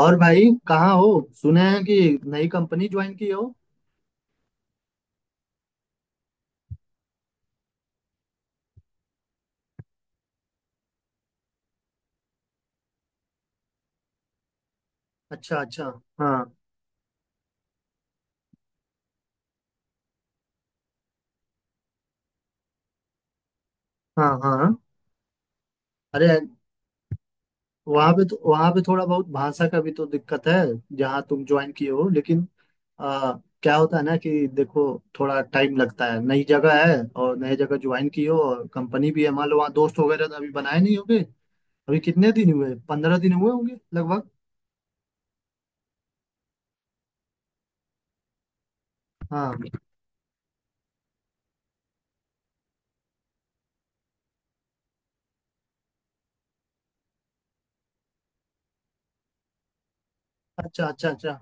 और भाई, कहाँ हो? सुने हैं कि नई कंपनी ज्वाइन की हो। अच्छा, अच्छा। हाँ, हाँ, हाँ। अरे, वहाँ पे थोड़ा बहुत भाषा का भी तो दिक्कत है जहाँ तुम ज्वाइन किए हो, लेकिन आ, क्या होता है ना कि देखो, थोड़ा टाइम लगता है। नई जगह है, और नई जगह ज्वाइन की हो, और कंपनी भी है मान लो, वहाँ दोस्त वगैरह तो अभी बनाए नहीं होंगे। अभी कितने दिन हुए? 15 दिन हुए होंगे लगभग। हाँ, अच्छा, अच्छा, अच्छा।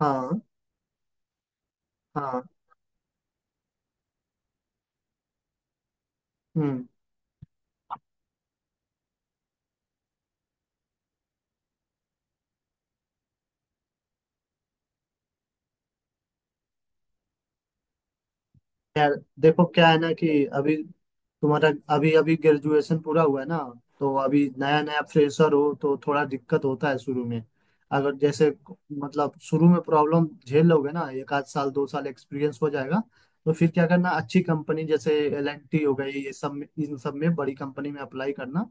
हाँ, हाँ। हम्म। यार देखो, क्या है ना कि अभी तुम्हारा अभी अभी ग्रेजुएशन पूरा हुआ है ना, तो अभी नया नया फ्रेशर हो, तो थोड़ा दिक्कत होता है शुरू में। अगर जैसे, मतलब शुरू में प्रॉब्लम झेल लोगे ना, एक आध साल दो साल एक्सपीरियंस हो जाएगा, तो फिर क्या करना, अच्छी कंपनी जैसे L&T हो गई, ये सब में इन सब में बड़ी कंपनी में अप्लाई करना,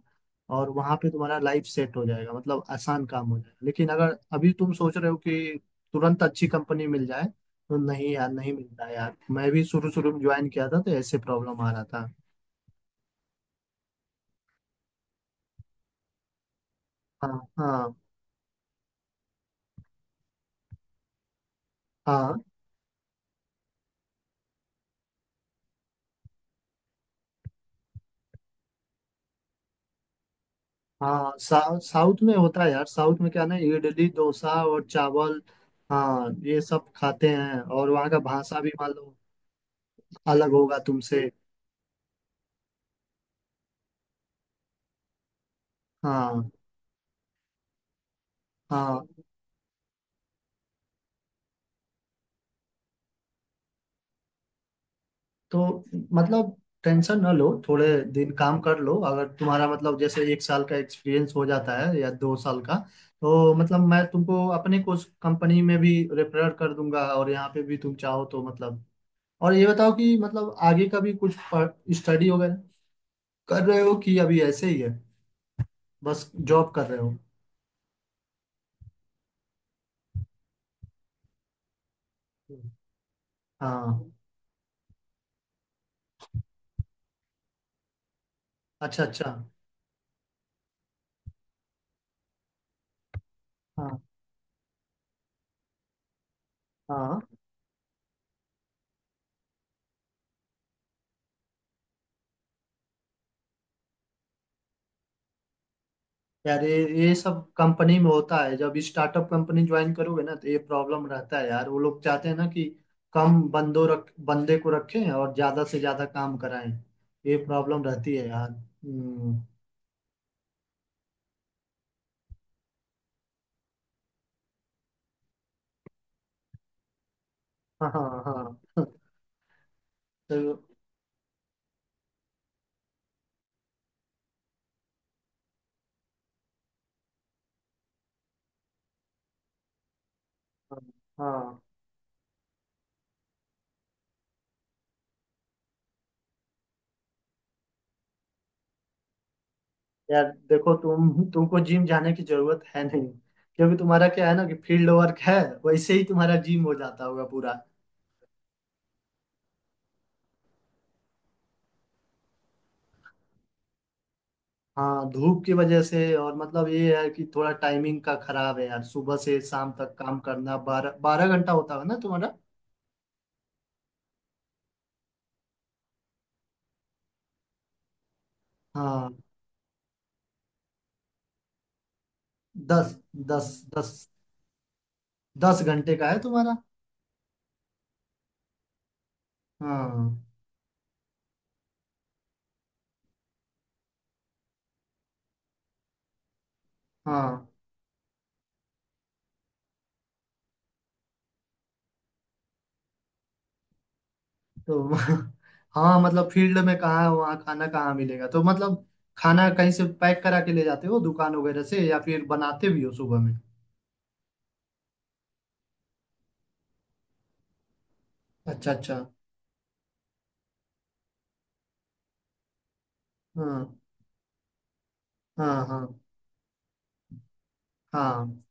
और वहां पे तुम्हारा लाइफ सेट हो जाएगा, मतलब आसान काम हो जाएगा। लेकिन अगर अभी तुम सोच रहे हो कि तुरंत अच्छी कंपनी मिल जाए, तो नहीं यार, नहीं मिलता यार। मैं भी शुरू शुरू में ज्वाइन किया था तो ऐसे प्रॉब्लम आ रहा था। हाँ, हाँ, हाँ। हाँ साउथ में होता है यार, साउथ में क्या ना, इडली डोसा और चावल, हाँ, ये सब खाते हैं। और वहाँ का भाषा भी मान लो अलग होगा तुमसे। हाँ, हाँ। तो मतलब टेंशन ना लो, थोड़े दिन काम कर लो। अगर तुम्हारा मतलब जैसे 1 साल का एक्सपीरियंस हो जाता है या 2 साल का, तो मतलब मैं तुमको अपने कुछ कंपनी में भी रेफर कर दूंगा, और यहाँ पे भी तुम चाहो तो मतलब। और ये बताओ कि मतलब आगे का भी कुछ स्टडी वगैरह कर रहे हो कि अभी ऐसे ही है, बस जॉब कर रहे हो? हाँ, अच्छा, अच्छा। हाँ, हाँ, यार ये सब कंपनी में होता है। जब स्टार्टअप कंपनी ज्वाइन करोगे ना, तो ये प्रॉब्लम रहता है यार। वो लोग चाहते हैं ना कि कम बंदो रख बंदे को रखें और ज्यादा से ज्यादा काम कराएं, ये प्रॉब्लम रहती है यार। हाँ, हाँ, हाँ। तो हाँ यार देखो, तुमको जिम जाने की जरूरत है नहीं, क्योंकि तुम्हारा क्या है ना कि फील्ड वर्क है, वैसे ही तुम्हारा जिम हो जाता होगा पूरा। हाँ, धूप की वजह से, और मतलब ये है कि थोड़ा टाइमिंग का खराब है यार। सुबह से शाम तक काम करना, बारह बारह घंटा होता है ना तुम्हारा? हाँ। दस, दस, दस 10 घंटे का है तुम्हारा? हाँ, हाँ। तो हाँ, मतलब फील्ड में कहाँ वहाँ खाना, कहाँ मिलेगा? तो मतलब खाना कहीं से पैक करा के ले जाते हो दुकान वगैरह से, या फिर बनाते भी हो सुबह में? अच्छा, अच्छा। हाँ, हाँ, हाँ, हाँ,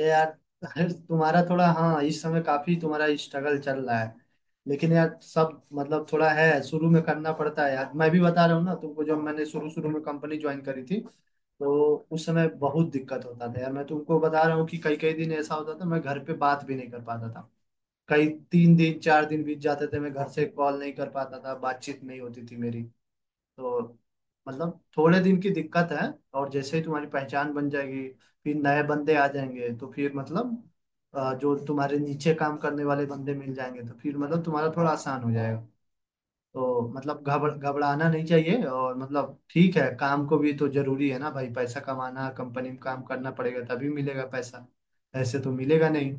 ये यार, तुम्हारा थोड़ा, हाँ, इस समय काफी तुम्हारा स्ट्रगल चल रहा है। लेकिन यार सब मतलब थोड़ा है, शुरू में करना पड़ता है यार। मैं भी बता रहा हूँ ना तुमको, जब मैंने शुरू शुरू में कंपनी ज्वाइन करी थी, तो उस समय बहुत दिक्कत होता था यार। मैं तुमको बता रहा हूँ कि कई कई दिन ऐसा होता था, मैं घर पे बात भी नहीं कर पाता था। कई 3 दिन, 4 दिन बीत जाते थे, मैं घर से कॉल नहीं कर पाता था, बातचीत नहीं होती थी मेरी। तो मतलब थोड़े दिन की दिक्कत है। और जैसे ही तुम्हारी पहचान बन जाएगी, फिर नए बंदे आ जाएंगे, तो फिर मतलब जो तुम्हारे नीचे काम करने वाले बंदे मिल जाएंगे, तो फिर मतलब तुम्हारा थोड़ा आसान हो जाएगा। तो मतलब घबराना नहीं चाहिए। और मतलब ठीक है, काम को भी तो जरूरी है ना भाई, पैसा कमाना, कंपनी में काम करना पड़ेगा तभी मिलेगा पैसा, ऐसे तो मिलेगा नहीं।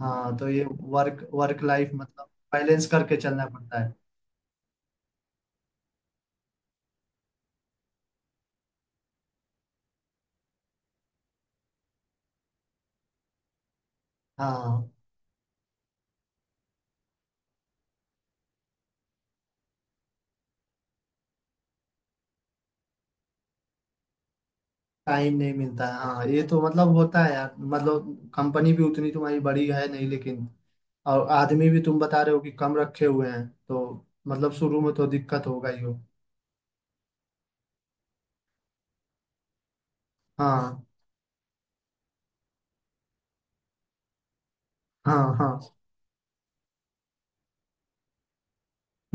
हाँ, तो ये वर्क वर्क लाइफ मतलब बैलेंस करके चलना पड़ता है। हाँ, टाइम नहीं मिलता है, हाँ, ये तो मतलब होता है यार। मतलब कंपनी भी उतनी तुम्हारी बड़ी है नहीं, लेकिन और आदमी भी तुम बता रहे हो कि कम रखे हुए हैं, तो मतलब शुरू में तो दिक्कत होगा ही हो। हाँ, हाँ, हाँ।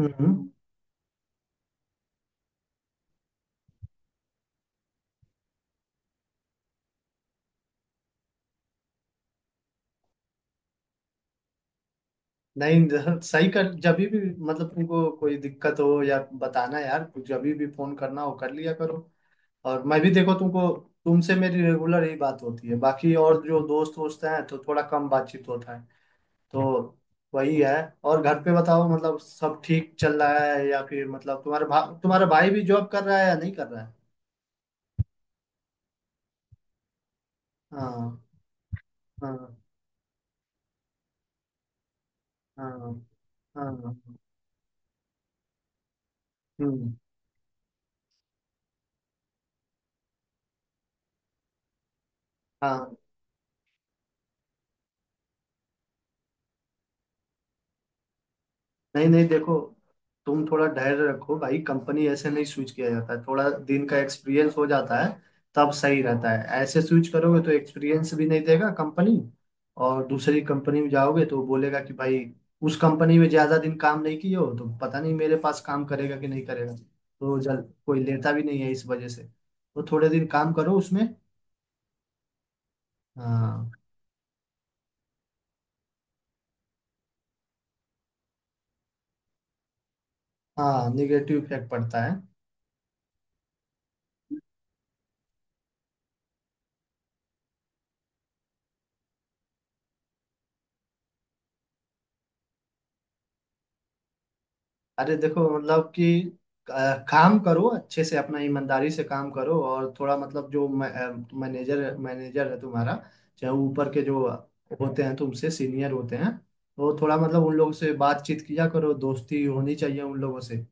हम्म। नहीं सही कर, जब भी मतलब तुमको कोई दिक्कत हो या, बताना यार, जब भी फोन करना हो कर लिया करो। और मैं भी देखो तुमको तुमसे मेरी रेगुलर यही बात होती है, बाकी और जो दोस्त वोस्त हैं, तो थोड़ा कम बातचीत होता है, तो वही है। और घर पे बताओ, मतलब सब ठीक चल रहा है या फिर मतलब तुम्हारा भाई भी जॉब कर रहा है या नहीं कर रहा है? हाँ, हाँ, हाँ, हाँ, हाँ। हम्म, हाँ, नहीं, नहीं, देखो, तुम थोड़ा धैर्य रखो भाई, कंपनी ऐसे नहीं स्विच किया जाता है। थोड़ा दिन का एक्सपीरियंस हो जाता है तब सही रहता है। ऐसे स्विच करोगे तो एक्सपीरियंस भी नहीं देगा कंपनी, और दूसरी कंपनी में जाओगे तो बोलेगा कि भाई, उस कंपनी में ज्यादा दिन काम नहीं किए हो, तो पता नहीं मेरे पास काम करेगा कि नहीं करेगा, तो जल, कोई लेता भी नहीं है इस वजह से। तो थोड़े दिन काम करो उसमें। हाँ, हाँ, निगेटिव इफेक्ट पड़ता है। अरे देखो, मतलब कि अ, काम करो अच्छे से अपना, ईमानदारी से काम करो, और थोड़ा मतलब जो मैनेजर मैनेजर है तुम्हारा, चाहे ऊपर के जो होते हैं, तुमसे सीनियर होते हैं, तो थोड़ा मतलब उन लोगों से बातचीत किया करो, दोस्ती होनी चाहिए उन लोगों से।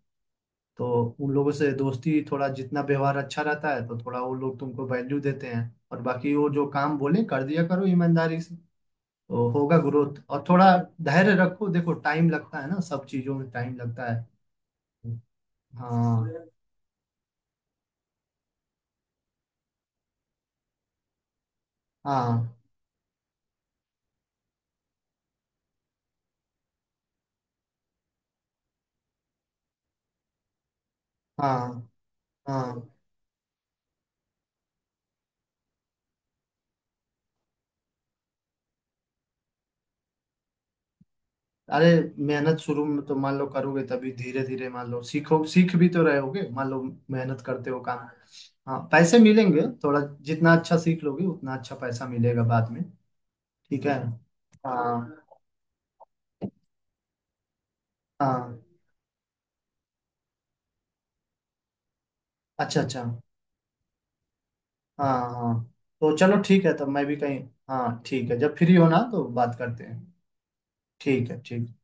तो उन लोगों से दोस्ती, थोड़ा जितना व्यवहार अच्छा रहता है, तो थोड़ा वो लोग तुमको वैल्यू देते हैं। और बाकी वो जो काम बोले कर दिया करो ईमानदारी से, तो होगा ग्रोथ। और थोड़ा धैर्य रखो, देखो टाइम लगता है ना, सब चीजों में टाइम लगता है। हाँ, हाँ, हाँ, हाँ। अरे मेहनत शुरू में तो मान लो करोगे, तभी धीरे धीरे मान लो सीख भी तो रहे होगे मान लो, मेहनत करते हो काम। हाँ, पैसे मिलेंगे थोड़ा, जितना अच्छा सीख लोगे उतना अच्छा पैसा मिलेगा बाद में। ठीक है। हाँ, हाँ, अच्छा, अच्छा। हाँ, हाँ, तो चलो ठीक है, तब मैं भी कहीं, हाँ, ठीक है, जब फ्री हो ना तो बात करते हैं। ठीक है, ठीक।